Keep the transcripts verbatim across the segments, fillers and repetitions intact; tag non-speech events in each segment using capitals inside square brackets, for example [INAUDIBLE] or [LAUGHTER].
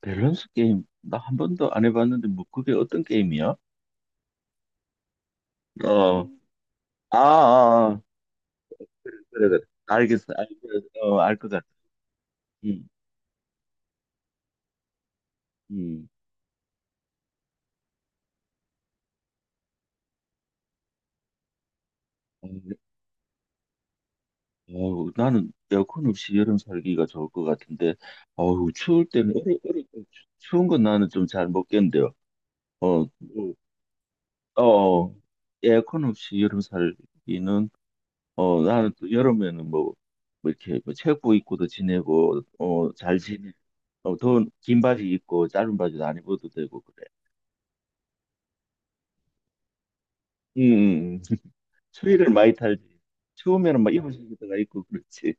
밸런스 게임 나 한 번도 안 해봤는데 뭐 그게 어떤 게임이야? 어, 아, 아, 아. 그래, 그래. 알겠어. 알어알것 같아. 음, 음. 어, 어, 나는 에어컨 없이 여름 살기가 좋을 것 같은데 어우 추울 때는 어려, 어려, 추- 추운 건 나는 좀 잘 못 견뎌. 어, 어, 어, 에어컨 없이 여름 살기는 어 나는 또 여름에는 뭐, 뭐 이렇게 뭐 체육복 입고도 지내고 어잘 지내. 어, 더 긴 바지 입고 짧은 바지도 안 입어도 되고 그래. 응응응. 추위를 많이 탈지. 추우면은 막입불속다가 입고 그렇지.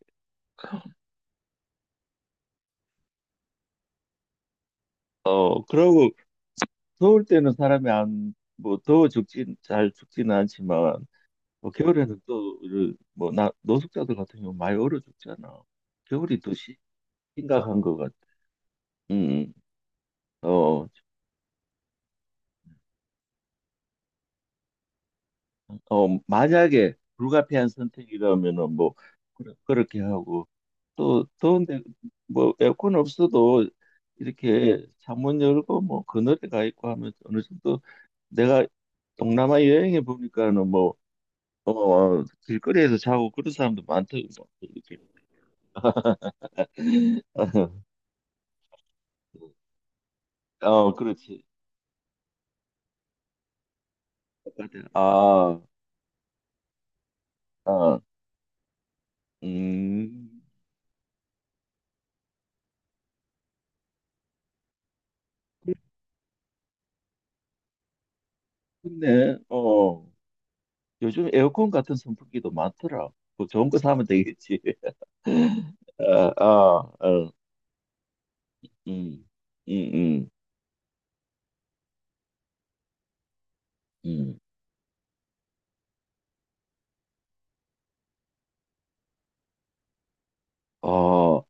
어, 그러고 더울 때는 사람이 안, 뭐 더워 죽진 잘 죽지는 않지만 뭐 겨울에는 또뭐나 노숙자들 같은 경우 많이 얼어 죽잖아. 겨울이 더 시- 심각한 것 같아. 응응. 어. 어, 만약에 불가피한 선택이라면은 뭐 그래- 그렇게 하고 또 더운데 뭐 에어컨 없어도 이렇게 창문 열고 뭐 그늘에 가 있고 하면 어느 정도 내가 동남아 여행해 보니까는 뭐 어, 길거리에서 자고 그런 사람도 많더라고 뭐 이렇게 [LAUGHS] 어 그렇지. 바깥에. 아, 아, 음 근데 어 요즘 에어컨 같은 선풍기도 많더라. 뭐 좋은 거 사면 되겠지. 아, 아, 어, 음, 음, 음, 음. 어,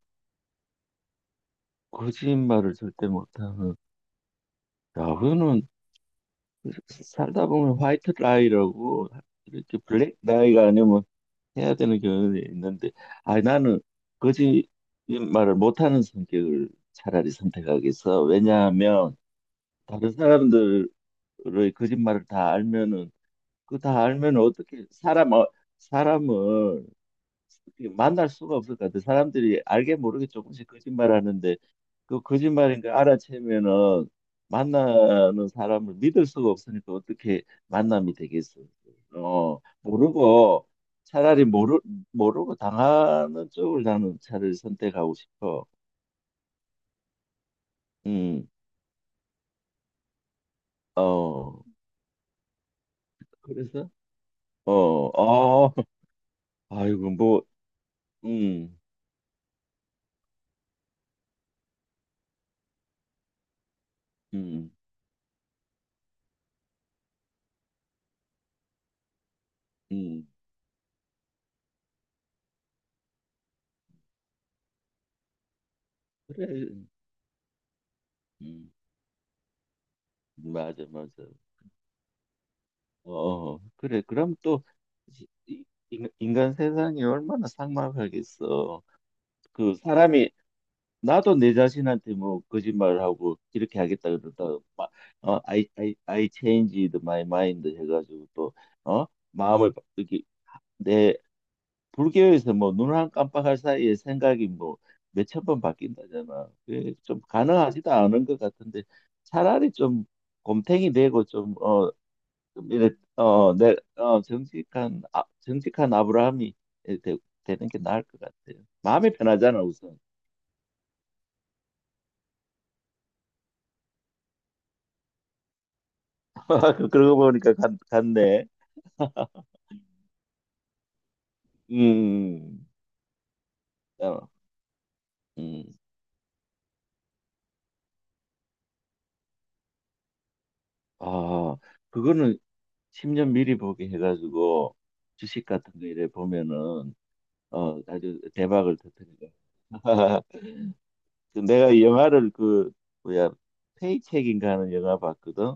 거짓말을 절대 못하는. 야, 그거는 살다 보면 화이트 라이라고, 이렇게 블랙 라이가 아니면 해야 되는 경우가 있는데, 아, 나는 거짓말을 못하는 성격을 차라리 선택하겠어. 왜냐하면 다른 사람들의 거짓말을 다 알면은 그 다 알면 어떻게 사람 어, 사람을 만날 수가 없을 것 같아. 사람들이 알게 모르게 조금씩 거짓말하는데 그 거짓말인 걸 알아채면은 만나는 사람을 믿을 수가 없으니까 어떻게 만남이 되겠어? 어, 모르고 차라리 모르 모르고 당하는 쪽을 나는 차라리 선택하고 싶어. 음, 어, 그래서 어, 어, [LAUGHS] 아이고 뭐, 음, 음, 음, 그래, 음, 맞아, 맞아. 어, 그래. 그럼 또 이- 이- 인- 인간 세상이 얼마나 삭막하겠어. 그 사람이 나도 내 자신한테 뭐 거짓말을 하고 이렇게 하겠다 그러다 막 어, I, I, I changed my mind 해가지고 또 어? 마음을 바- 이렇게 내 불교에서 뭐 눈 한 깜빡할 사이에 생각이 뭐 몇 천 번 바뀐다잖아. 그게 좀 가능하지도 않은 것 같은데 차라리 좀 곰탱이 되고 좀 어, 이래 어, 내, 어, 정직한 아, 정직한 아브라함이 되, 되는 게 나을 것 같아요. 마음이 편하잖아 우선. [LAUGHS] 그러고 보니까 갔, 갔네. 음, 음. 어, 음, 아, 그거는 십 년 미리 보게 해가지고 주식 같은 거 이래 보면은 어 아주 대박을 터뜨리고. [LAUGHS] 그 내가 이 영화를 그 뭐야 페이첵인가 하는 영화 봤거든.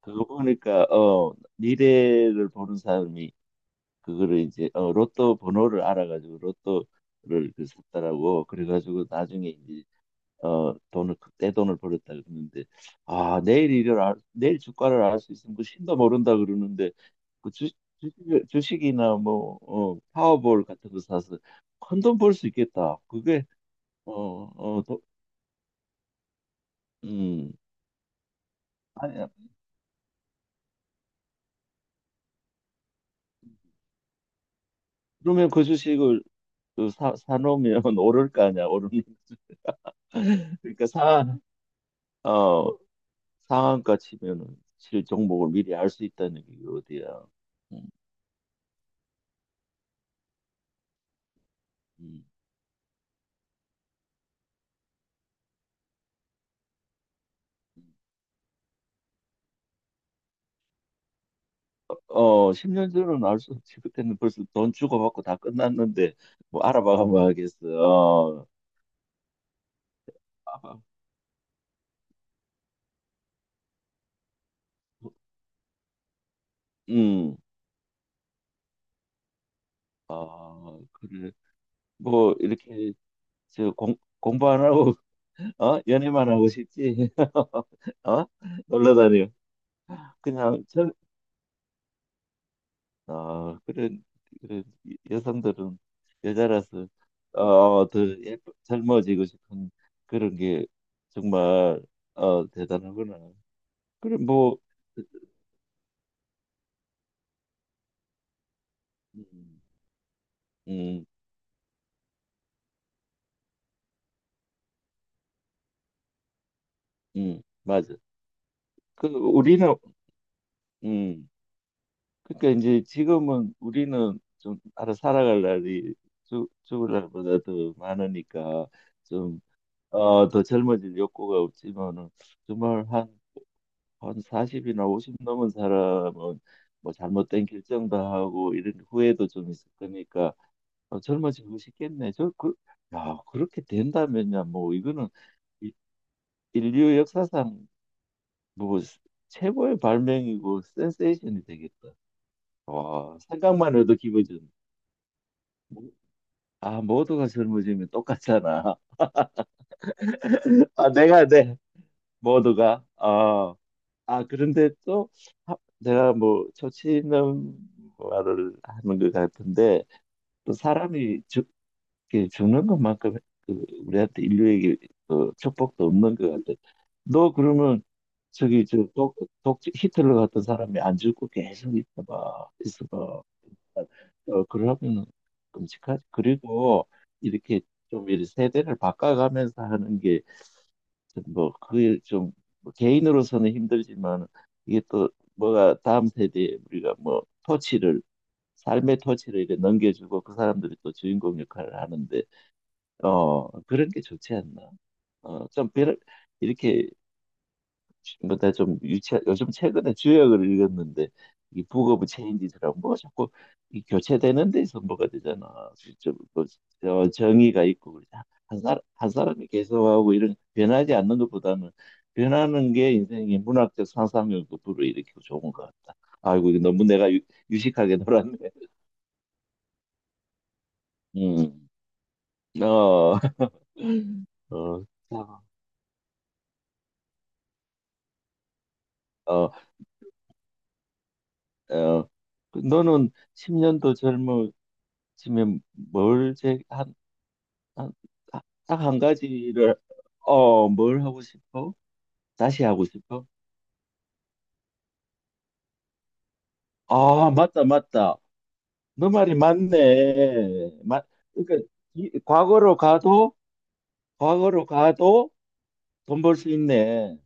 그거 보니까 어 미래를 보는 사람이 그거를 이제 어, 로또 번호를 알아가지고 로또를 그 샀다라고 그래가지고 나중에 이제 어 돈을 그 떼돈을 벌었다 그러는데 아 내일 일을 알, 내일 주가를 알 수 있으면 그 신도 모른다 그러는데 그 주, 주식, 주식이나 뭐 어, 파워볼 같은 거 사서 큰 돈 벌 수 있겠다. 그게 어어음 아니야. 그러면 그 주식을 그 사, 사놓으면 [LAUGHS] 오를 거 아니야 오르는. [LAUGHS] 그러니까 사, 어, 상한가 치면은 실 종목을 미리 알 수 있다는 게 어디야. 음, 음. 어, 십 년 전은 알 수 없지. 그때는 벌써 돈 주고받고 다 끝났는데, 뭐, 알아봐가면 하겠어. 어, 아, 음, 아, 그래. 뭐, 이렇게, 저, 공, 공부 안 하고, [LAUGHS] 어? 연애만 하고 싶지? [LAUGHS] 어? 놀러 다녀. 그냥, 저, 아, 그래, 그래, 여성들은 여자라서, 어, 더 예뻐, 젊어지고 싶은 그런 게 정말, 어, 대단하구나. 그래, 뭐, 음, 음, 음, 맞아. 그, 우리는, 음, 그러니까 이제 지금은 우리는 좀 알아 살아갈 날이 죽, 죽을 날보다 더 많으니까 좀, 어, 더 젊어질 욕구가 없지만은 정말 한 한 사십이나 오십 넘은 사람은 뭐 잘못된 결정도 하고 이런 후회도 좀 있을 거니까 어, 젊어지고 싶겠네. 저 그, 야, 그렇게 된다면야 뭐 이거는 이- 인류 역사상 뭐 스- 최고의 발명이고 센세이션이 되겠다. 와, 생각만 해도 기분 좋네. 모- 아, 모두가 젊어지면 똑같잖아. [LAUGHS] 아, 내가 내 모두가 아, 아 그런데 또 하- 내가 뭐 조치는 말을 하는 것 같은데 또 사람이 죽, 이렇게 죽는 것만큼 그 우리한테 인류에게 그 축복도 없는 것 같아. 너 그러면 저기 저 독, 독 히틀러 같은 사람이 안 죽고 계속 있어봐 있어봐. 어, 그러면 끔찍하지. 그리고 이렇게 좀 이렇게 세대를 바꿔가면서 하는 게뭐 그게 좀뭐 개인으로서는 힘들지만 이게 또 뭐가 다음 세대에 우리가 뭐 토치를 삶의 토치를 이렇게 넘겨주고 그 사람들이 또 주인공 역할을 하는데. 어, 그런 게 좋지 않나? 어, 좀 별, 이렇게, 뭐다 좀 유치, 요즘 최근에 주역을 읽었는데, 이 북 오브 체인지처고뭐 자꾸 이 교체되는 데서 뭐가 되잖아. 좀, 뭐, 저 정의가 있고, 그러자. 한 사람, 한 사람이 계속하고 이런 변하지 않는 것보다는 변하는 게 인생의 문학적 상상력도 불어일으키고 좋은 것 같다. 아이고, 이거 너무 내가 유, 식하게 놀았네. 음, 어, [LAUGHS] 어, 어. 어, 그 너는 십 년도 젊어지면 뭘 제, 한, 한, 아, 딱한 가지를, 어, 뭘 하고 싶어? 다시 하고 싶어? 아, 맞다, 맞다. 너 말이 맞네. 맞, 그러니까, 이, 과거로 가도, 과거로 가도 돈 벌 수 있네.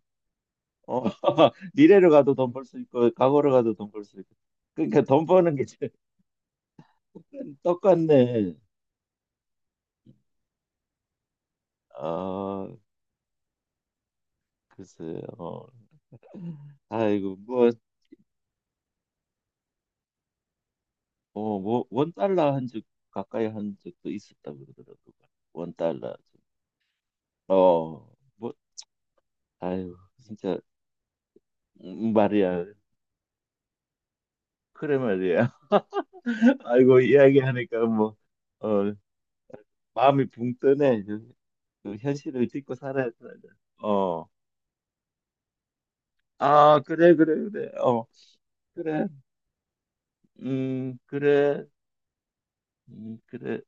어, [LAUGHS] 미래로 가도 돈 벌 수 있고, 과거로 가도 돈 벌 수 있고. 그러니까 돈 버는 게 제일 [LAUGHS] 똑같네. 아, 글쎄요. 아이고, 뭐, 어, 뭐, 원 달러 한 적 가까이 한 적도 있었다 그러더라고. 원 달러. 어, 뭐, 아유, 진짜 음, 말이야. 그래 말이야. [LAUGHS] 아이고 이야기하니까 뭐, 어, 마음이 붕 뜨네. 그, 그 현실을 딛고 살아야 돼. 어, 아, 그래, 그래, 그래. 어, 그래. 음, 그래. 음, 그래.